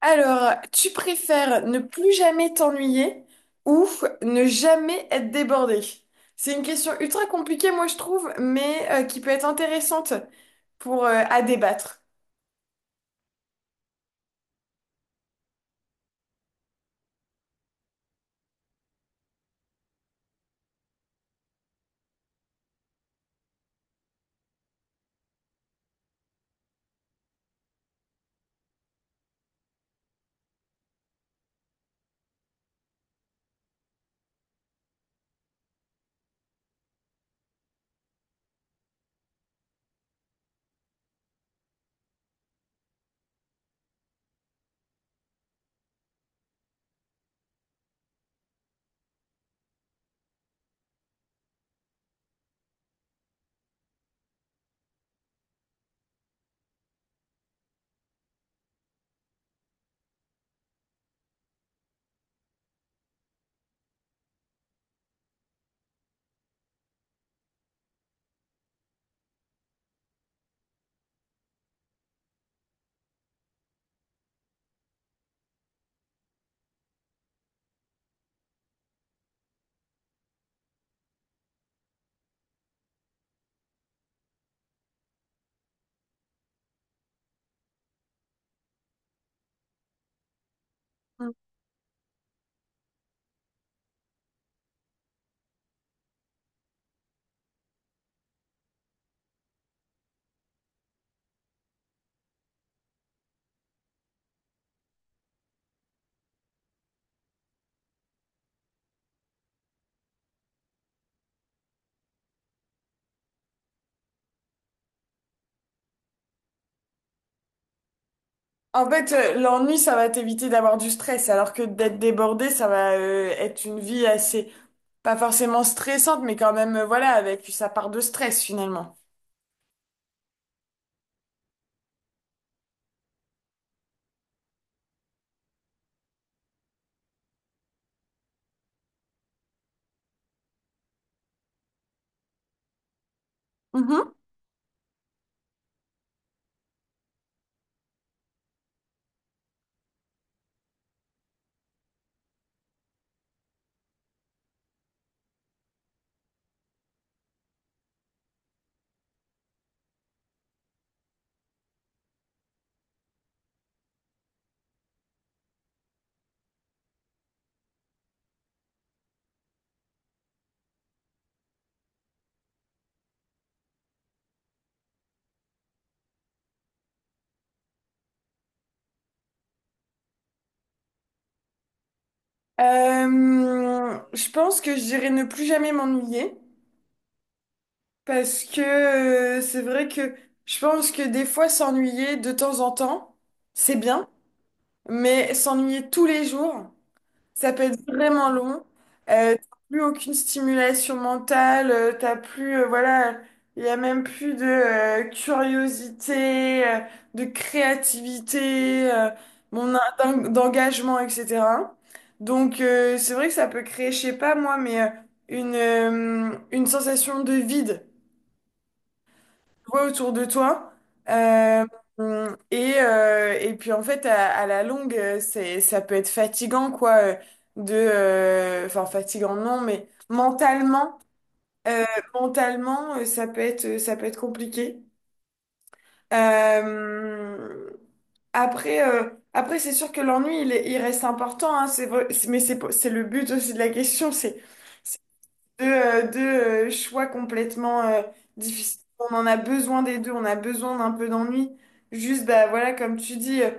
Alors, tu préfères ne plus jamais t'ennuyer ou ne jamais être débordé? C'est une question ultra compliquée, moi, je trouve, mais qui peut être intéressante à débattre. Mm. En fait, l'ennui, ça va t'éviter d'avoir du stress, alors que d'être débordé, ça va être une vie assez, pas forcément stressante, mais quand même, voilà, avec sa part de stress, finalement. Mhm. Je pense que je dirais ne plus jamais m'ennuyer. Parce que c'est vrai que je pense que des fois s'ennuyer de temps en temps, c'est bien, mais s'ennuyer tous les jours, ça peut être vraiment long. T'as plus aucune stimulation mentale, t'as plus, voilà, il y a même plus de curiosité, de créativité, d'engagement, etc. Donc c'est vrai que ça peut créer, je sais pas moi, mais une sensation de vide vois autour de toi. Euh, et puis en fait, à la longue, ça peut être fatigant, quoi, enfin fatigant non, mais mentalement, euh, mentalement, ça peut être compliqué. Euh, après, c'est sûr que l'ennui, il reste important, hein, c'est vrai, mais c'est, pas- c'est le but aussi de la question, c'est deux, choix complètement difficiles. On en a besoin des deux, on a besoin d'un peu d'ennui. Juste, bah, voilà, comme tu dis,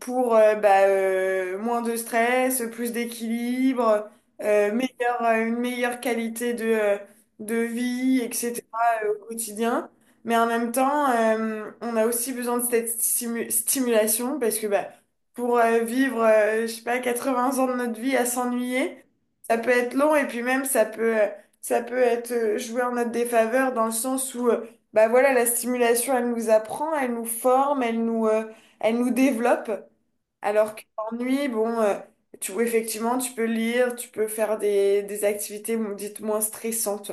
pour bah, moins de stress, plus d'équilibre, une meilleure qualité de vie, etc., au quotidien. Mais en même temps, on a aussi besoin de cette stimulation parce que bah, pour vivre, je sais pas, 80 ans de notre vie à s'ennuyer, ça peut être long et puis même ça peut être joué en notre défaveur dans le sens où, bah voilà, la stimulation, elle nous apprend, elle nous forme, elle nous développe. Alors que l'ennui, bon, effectivement, tu peux lire, tu peux faire des activités, dites moins stressantes.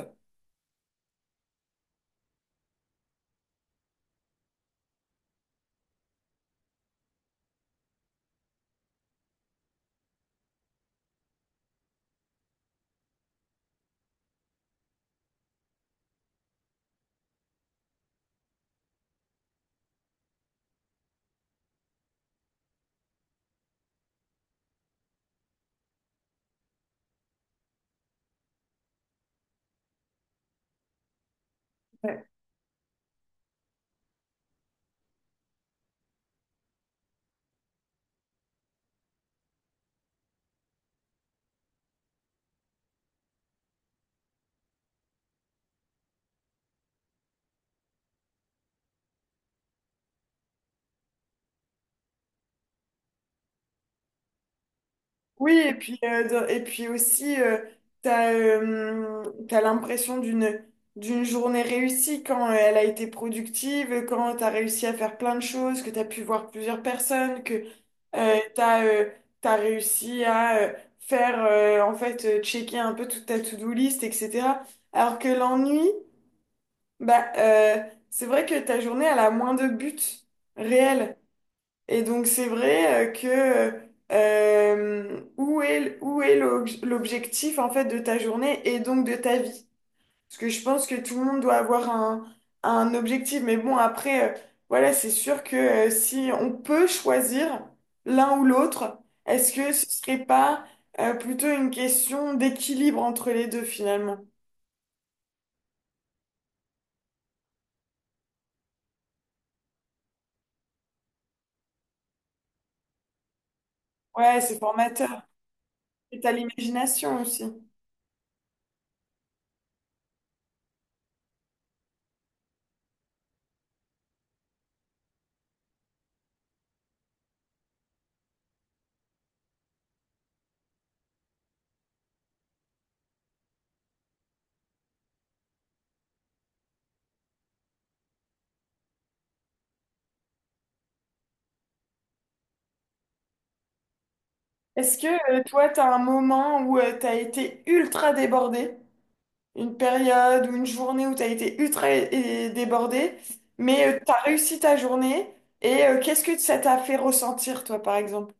Oui, et puis, et puis aussi, t'as, euh, t'as l'impression d'une journée réussie quand elle a été productive, quand t'as réussi à faire plein de choses, que t'as pu voir plusieurs personnes, que euh, t'as, euh, t'as réussi à en fait, checker un peu toute ta to-do list, etc. Alors que l'ennui, bah, c'est vrai que ta journée, elle a moins de buts réels et donc c'est vrai que où est l'objectif en fait de ta journée et donc de ta vie? Parce que je pense que tout le monde doit avoir un objectif. Mais bon, voilà, c'est sûr que si on peut choisir l'un ou l'autre, est-ce que ce serait pas plutôt une question d'équilibre entre les deux finalement? Ouais, c'est formateur. Et t'as l'imagination aussi. Est-ce que toi, t'as un moment où tu t'as été ultra débordé? Une période ou une journée où tu as été débordé, mais tu as réussi ta journée et qu'est-ce que ça t'a fait ressentir, toi, par exemple?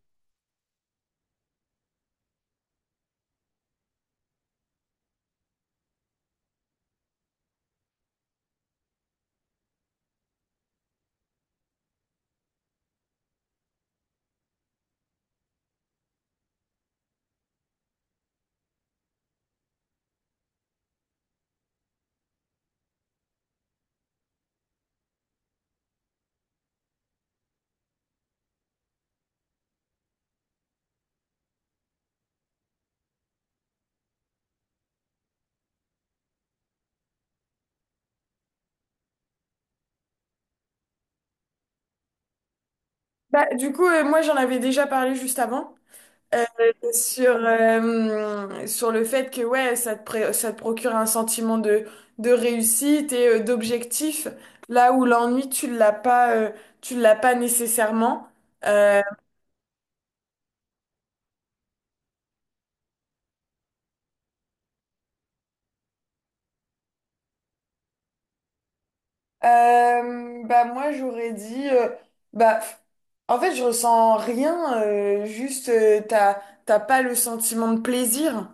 Bah, du coup, moi, j'en avais déjà parlé juste avant. euh, euh, sur le fait que ouais, ça te procure un sentiment de réussite et d'objectif, là où l'ennui, tu l'as pas nécessairement. Euh, moi, j'aurais dit bah f- en fait je ressens rien, juste t'as, t'as pas le sentiment de plaisir,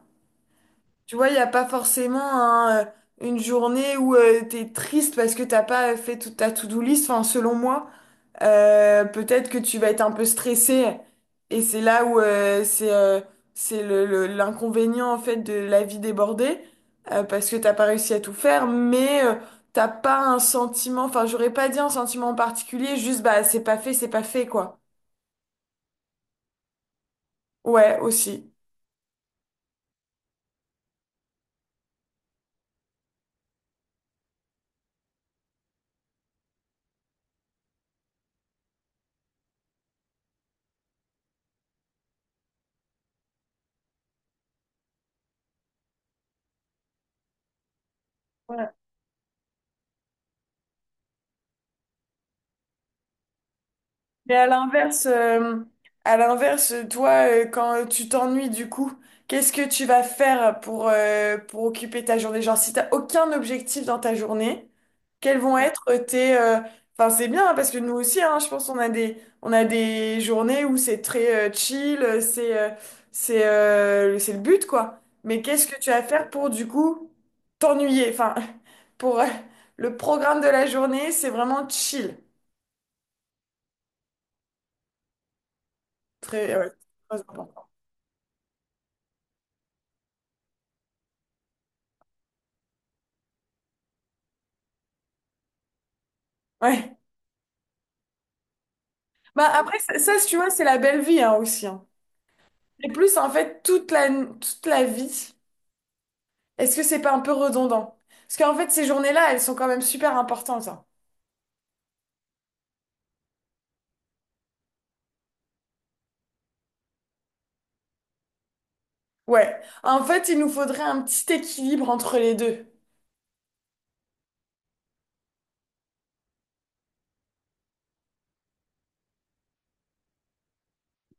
tu vois, il y a pas forcément une journée où t'es triste parce que t'as pas fait toute ta to-do list, enfin selon moi. Peut-être que tu vas être un peu stressé et c'est là où c'est l'inconvénient en fait de la vie débordée, parce que t'as pas réussi à tout faire, mais t'as pas un sentiment, enfin j'aurais pas dit un sentiment en particulier, juste bah c'est pas fait, c'est pas fait, quoi. Ouais, aussi. Mais à l'inverse, toi, quand tu t'ennuies du coup, qu'est-ce que tu vas faire pour occuper ta journée? Genre, si t'as aucun objectif dans ta journée, quels vont être tes… Enfin, c'est bien, hein, parce que nous aussi, hein, je pense qu'on a on a des journées où c'est très chill, c'est le but, quoi. Mais qu'est-ce que tu vas faire pour, du coup, t'ennuyer? Enfin, pour le programme de la journée, c'est vraiment chill. Très, ouais, très important. Ouais. Bah après, si tu vois, c'est la belle vie, hein, aussi, hein. Et plus, en fait, toute la vie, est-ce que c'est pas un peu redondant? Parce qu'en fait, ces journées-là, elles sont quand même super importantes, hein. Ouais. En fait, il nous faudrait un petit équilibre entre les deux.